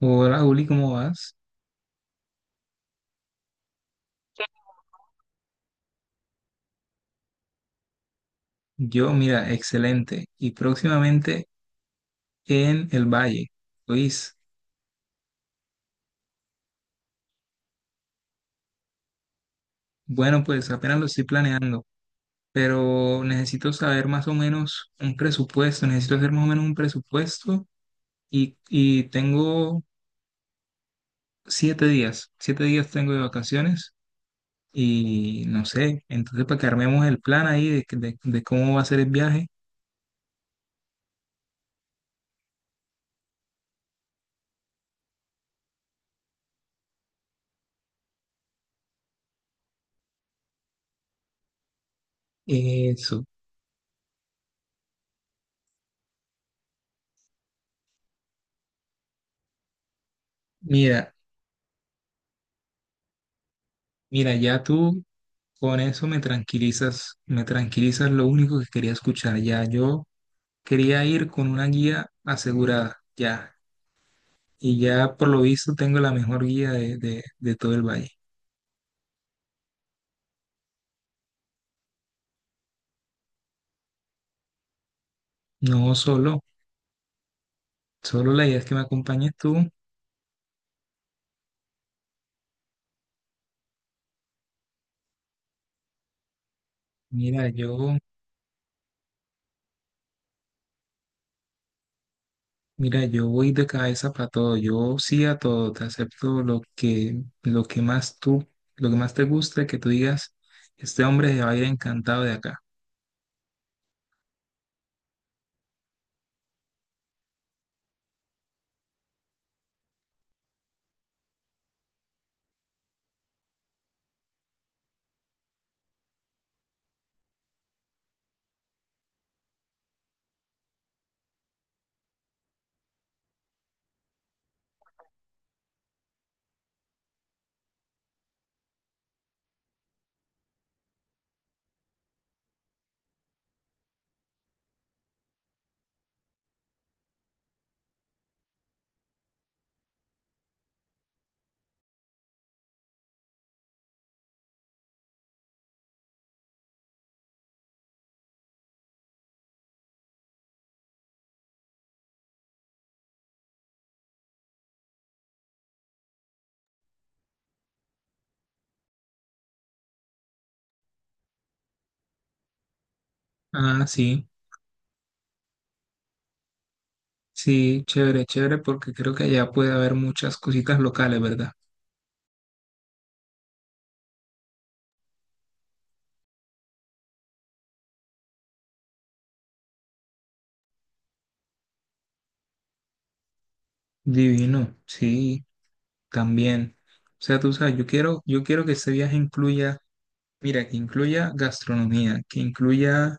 Hola Juli, ¿cómo vas? Yo, mira, excelente. Y próximamente en el Valle. Luis, bueno, pues apenas lo estoy planeando, pero necesito saber más o menos un presupuesto, necesito hacer más o menos un presupuesto y tengo 7 días, 7 días tengo de vacaciones y no sé, entonces para que armemos el plan ahí de cómo va a ser el viaje, eso. Mira, mira, ya tú Con eso me tranquilizas lo único que quería escuchar. Ya yo quería ir con una guía asegurada, ya. Y ya por lo visto tengo la mejor guía de todo el valle. No solo, solo la idea es que me acompañes tú. Mira, yo, Mira, yo voy de cabeza para todo. Yo sí a todo, te acepto lo que más tú, lo que más te guste, que tú digas, este hombre se va a ir encantado de acá. Ah, sí. Sí, chévere, chévere, porque creo que allá puede haber muchas cositas locales, ¿verdad? Divino, sí, también. O sea, tú sabes, yo quiero que este viaje incluya, mira, que incluya gastronomía, que incluya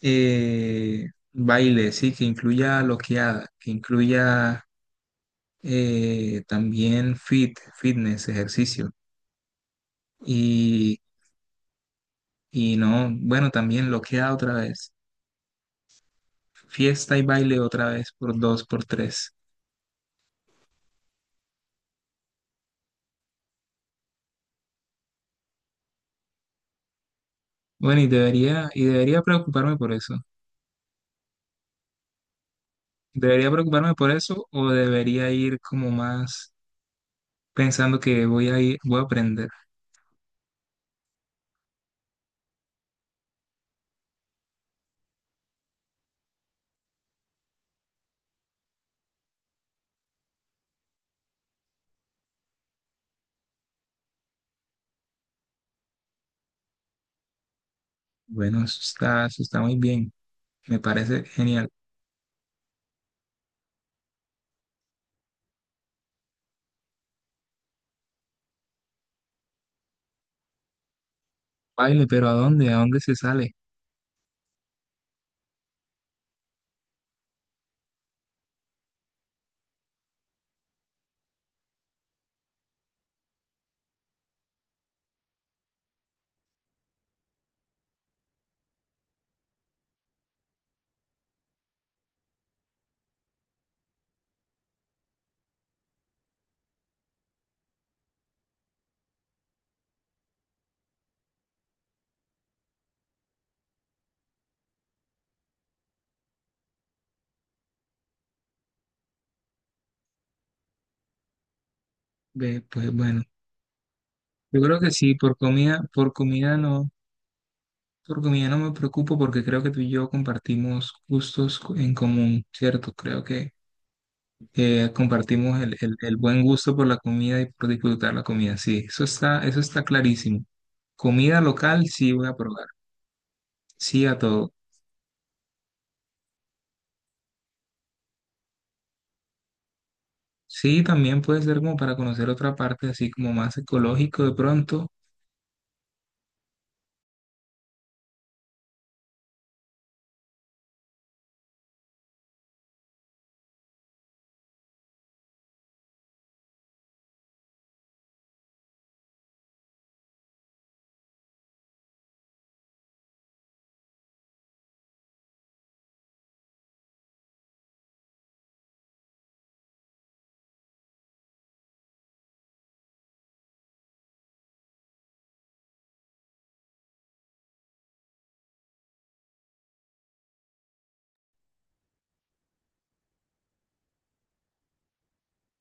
eh, baile, sí, que incluya loqueada, que incluya también fitness, ejercicio. Y, y no, bueno, también loqueada otra vez, fiesta y baile otra vez, por dos, por tres. Bueno, y debería preocuparme por eso. ¿Debería preocuparme por eso o debería ir como más pensando que voy a ir, voy a aprender? Bueno, eso está muy bien. Me parece genial. Baile, pero ¿a dónde? ¿A dónde se sale? Ve, pues bueno, yo creo que sí, por comida no me preocupo porque creo que tú y yo compartimos gustos co- en común, ¿cierto? Creo que compartimos el buen gusto por la comida y por disfrutar la comida. Sí, eso está clarísimo. Comida local, sí voy a probar. Sí a todo. Sí, también puede ser como para conocer otra parte, así como más ecológico de pronto.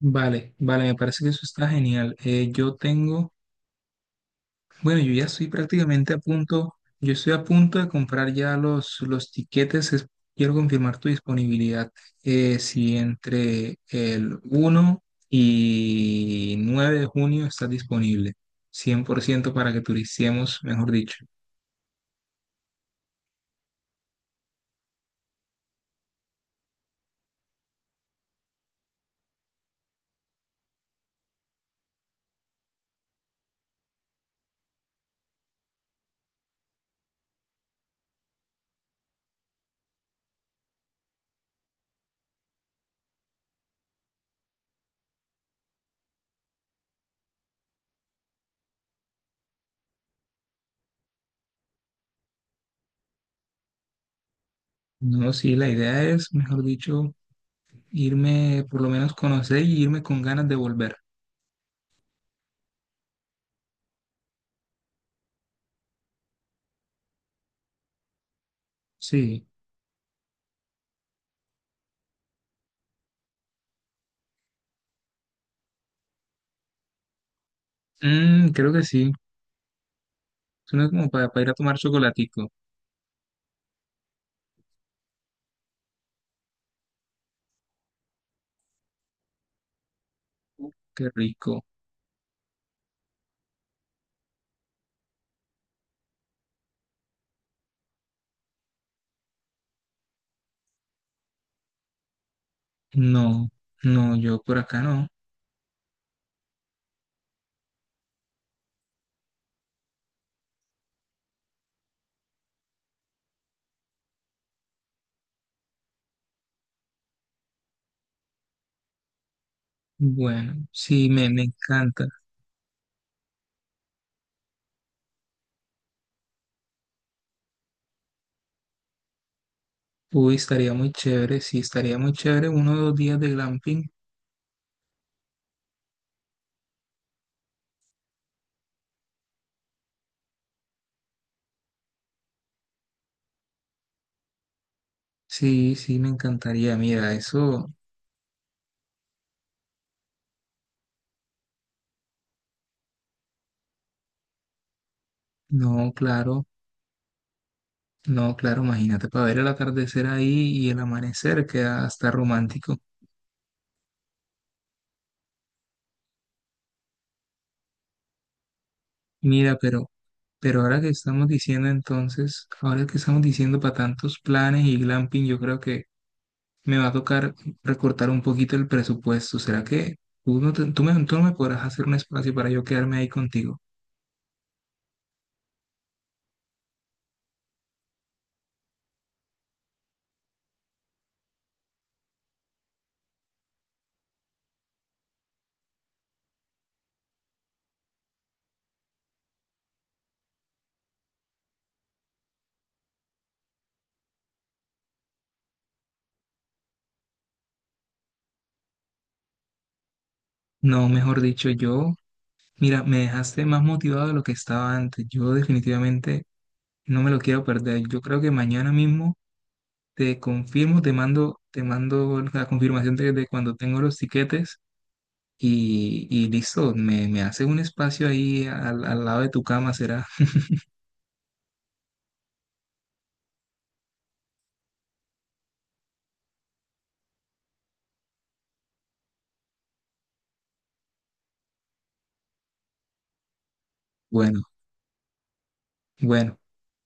Vale, vale, me parece que eso está genial. Yo tengo. Bueno, yo ya estoy prácticamente a punto, yo estoy a punto de comprar ya los tiquetes, es- quiero confirmar tu disponibilidad. Si entre el 1 y 9 de junio estás disponible, 100% para que turiciemos, mejor dicho. No, sí, la idea es, mejor dicho, irme, por lo menos conocer y irme con ganas de volver. Sí, mm, creo que sí, suena como para ir a tomar chocolatico, qué rico. No, no, yo por acá no. Bueno, sí, me encanta. Uy, estaría muy chévere, sí, estaría muy chévere 1 o 2 días de glamping. Sí, sí, me encantaría. Mira, eso, no, claro, no, claro, imagínate para ver el atardecer ahí y el amanecer queda hasta romántico. Mira, pero ahora que estamos diciendo entonces, ahora que estamos diciendo para tantos planes y glamping, yo creo que me va a tocar recortar un poquito el presupuesto. ¿Será que tú no me podrás hacer un espacio para yo quedarme ahí contigo? No, mejor dicho, yo, mira, me dejaste más motivado de lo que estaba antes. Yo definitivamente no me lo quiero perder. Yo creo que mañana mismo te confirmo, te mando la confirmación de cuando tengo los tiquetes y listo, me hace un espacio ahí al lado de tu cama, será. Bueno, bueno,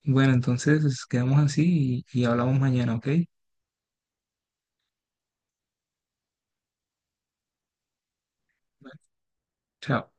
bueno, entonces quedamos así y hablamos mañana, ¿ok? Bueno, chao.